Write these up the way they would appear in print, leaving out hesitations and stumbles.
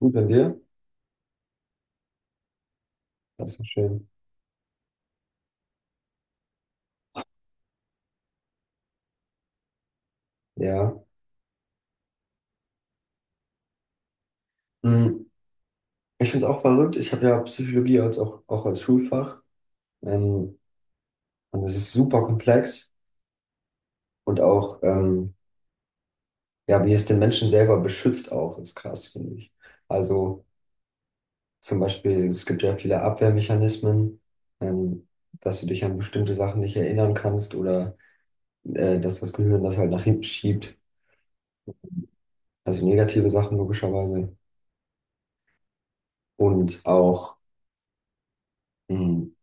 Gut an dir? Das ist schön. Ja. Hm, Ich finde es auch verrückt. Ich habe ja Psychologie als auch als Schulfach. Ähm, und es ist super komplex. Und auch, ja, wie es den Menschen selber beschützt auch, ist krass, finde ich. Also zum Beispiel, es gibt ja viele Abwehrmechanismen, ähm, dass du dich an bestimmte Sachen nicht erinnern kannst oder dass das Gehirn das halt nach hinten schiebt. Also negative Sachen logischerweise. Und auch, hm,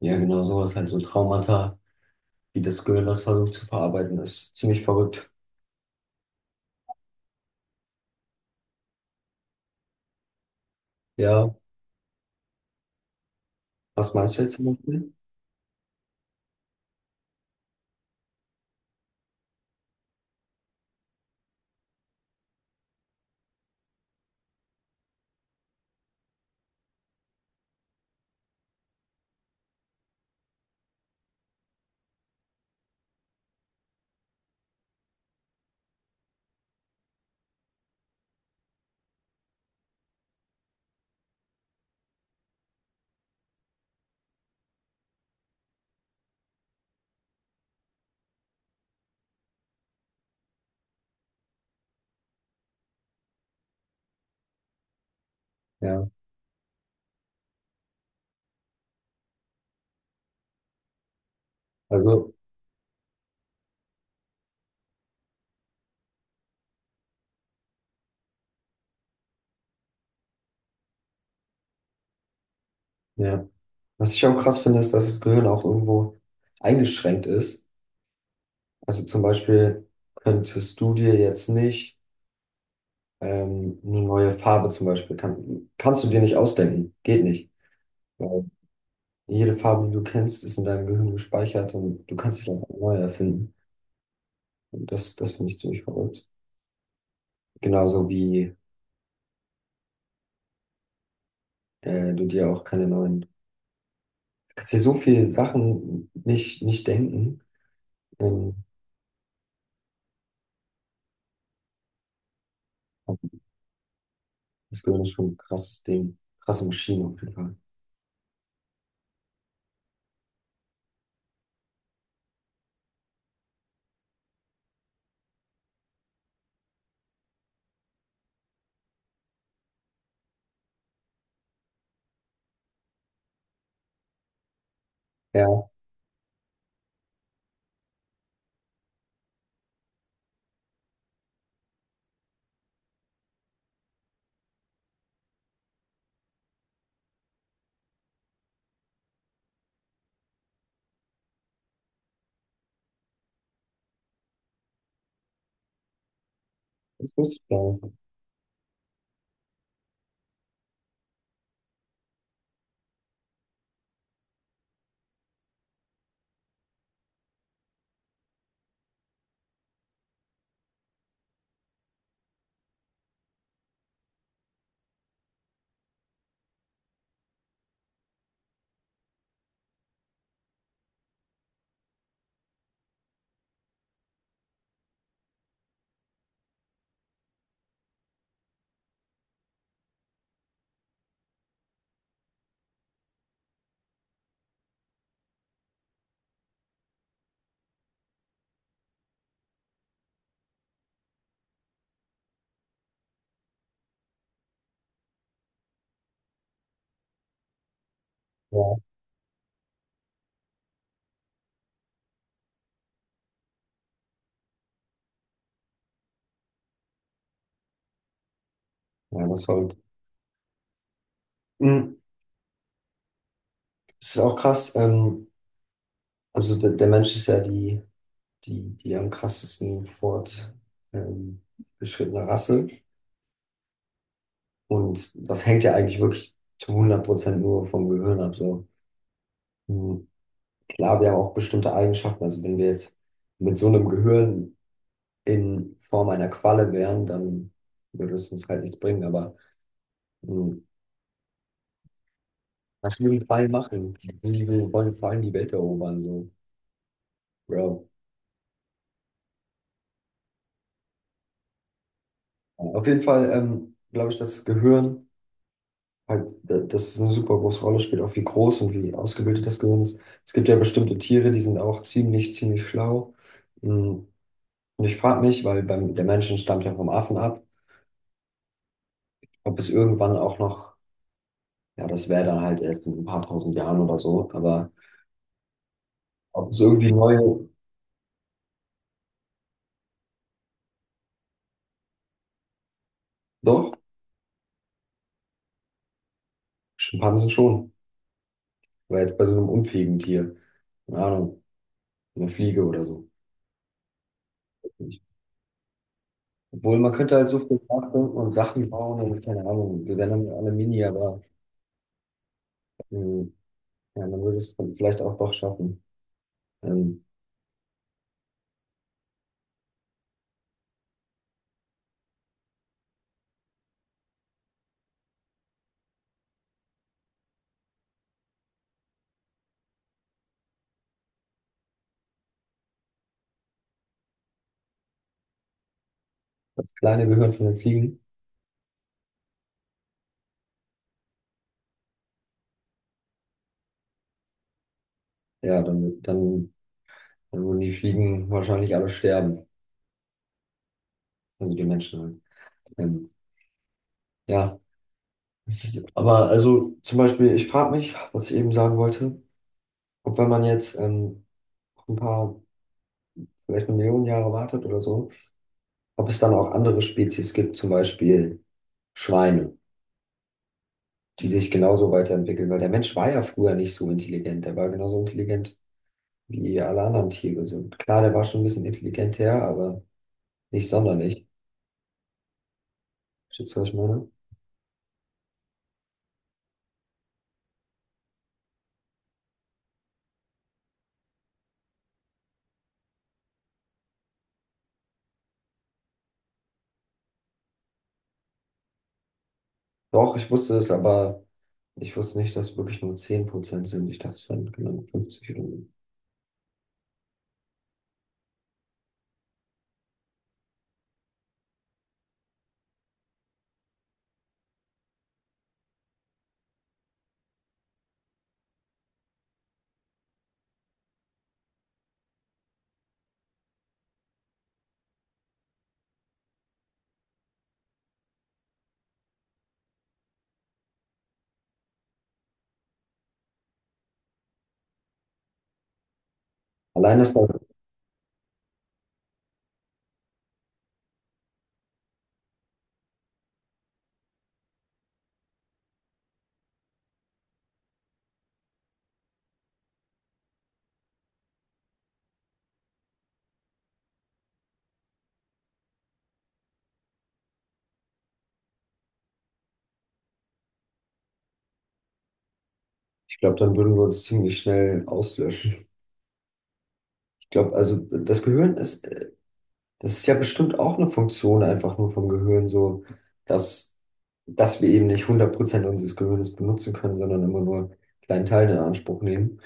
ja, genau so, das ist halt so Traumata, wie das Gehirn das versucht zu verarbeiten, ist ziemlich verrückt. Ja, was meinst du jetzt zum Beispiel? Ja, also, ja. Was ich auch krass finde, ist, dass das Gehirn auch irgendwo eingeschränkt ist. Also zum Beispiel könntest du dir jetzt nicht eine neue Farbe zum Beispiel, kannst du dir nicht ausdenken. Geht nicht. Weil jede Farbe, die du kennst, ist in deinem Gehirn gespeichert und du kannst dich einfach neu erfinden. Und das, das finde ich ziemlich verrückt. Genauso wie du dir auch keine neuen kannst dir so viele Sachen nicht denken. Ähm, Das Gehirn ist schon ein krasses Ding. Krasse Maschine auf jeden Fall. Ja, das wusste ich gar nicht. Ja, ja, was verrückt. Mhm. Es ist auch krass. Also der Mensch ist ja die am krassesten fort ähm, beschrittene Rasse. Und das hängt ja eigentlich wirklich zu 100% nur vom Gehirn ab. So. Mhm. Klar, wir haben auch bestimmte Eigenschaften. Also wenn wir jetzt mit so einem Gehirn in Form einer Qualle wären, dann würde es uns halt nichts bringen. Aber mh, was will die Quallen machen? Die wollen vor die Welt erobern, so, Bro. Auf jeden Fall glaube ich, das Gehirn, halt, das ist eine super große Rolle spielt, auch wie groß und wie ausgebildet das Gehirn ist. Es gibt ja bestimmte Tiere, die sind auch ziemlich, ziemlich schlau. Mh, Und ich frage mich, weil beim, der Menschen stammt ja vom Affen ab, ob es irgendwann auch noch, ja, das wäre dann halt erst in ein paar tausend Jahren oder so, aber ob es irgendwie neue, doch, Schimpansen schon. Weil jetzt bei so einem unfähigen Tier. Keine Ahnung, eine Fliege oder so. Obwohl, man könnte halt so viel nachdenken und Sachen bauen und keine Ahnung, wir wären dann alle Mini, aber ähm, ja, man würde es vielleicht auch doch schaffen. Ähm, Das kleine Gehirn von den Fliegen, ja, dann würden die Fliegen wahrscheinlich alle sterben, also die Menschen halt. Ähm, ja, aber also zum Beispiel, ich frage mich, was ich eben sagen wollte, ob wenn man jetzt ein paar, vielleicht eine Million Jahre wartet oder so, ob es dann auch andere Spezies gibt, zum Beispiel Schweine, die sich genauso weiterentwickeln, weil der Mensch war ja früher nicht so intelligent, der war genauso intelligent wie alle anderen Tiere. So, klar, der war schon ein bisschen intelligenter, aber nicht sonderlich. Verstehst du, was ich meine? Doch, ich wusste es, aber ich wusste nicht, dass es wirklich nur 10% sind. Ich dachte, es wären genau 50 oder so. Allein das, ich glaube, dann würden wir uns ziemlich schnell auslöschen. Ich glaube, also das ist ja bestimmt auch eine Funktion einfach nur vom Gehirn, so dass, dass wir eben nicht 100% unseres Gehirns benutzen können, sondern immer nur einen kleinen Teil in Anspruch nehmen.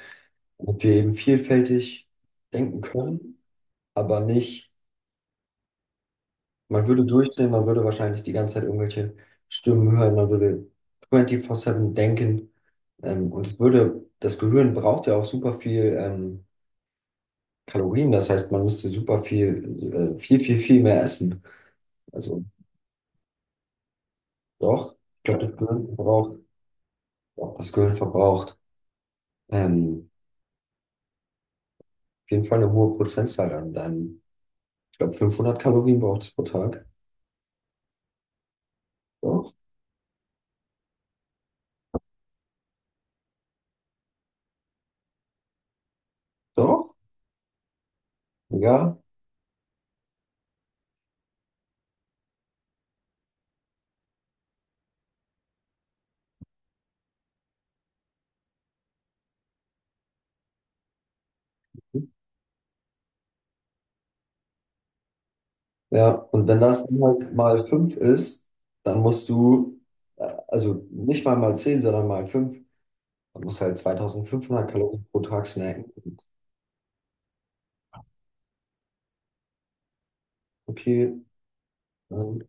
Und wir eben vielfältig denken können, aber nicht, man würde durchdrehen, man würde wahrscheinlich die ganze Zeit irgendwelche Stimmen hören, man würde 24/7 denken. Und es würde, das Gehirn braucht ja auch super viel Kalorien, das heißt, man müsste super viel, viel, viel, viel mehr essen. Also doch, ich glaube, das Gehirn verbraucht, doch, das Gehirn verbraucht ähm, auf jeden Fall eine hohe Prozentzahl an deinem. Ich glaube, 500 Kalorien braucht es pro Tag. Doch, doch, ja. Ja, und wenn das dann halt mal 5 ist, dann musst du, also nicht mal mal 10 sondern mal 5 dann musst du halt 2500 Kalorien pro Tag snacken. Okay, äh,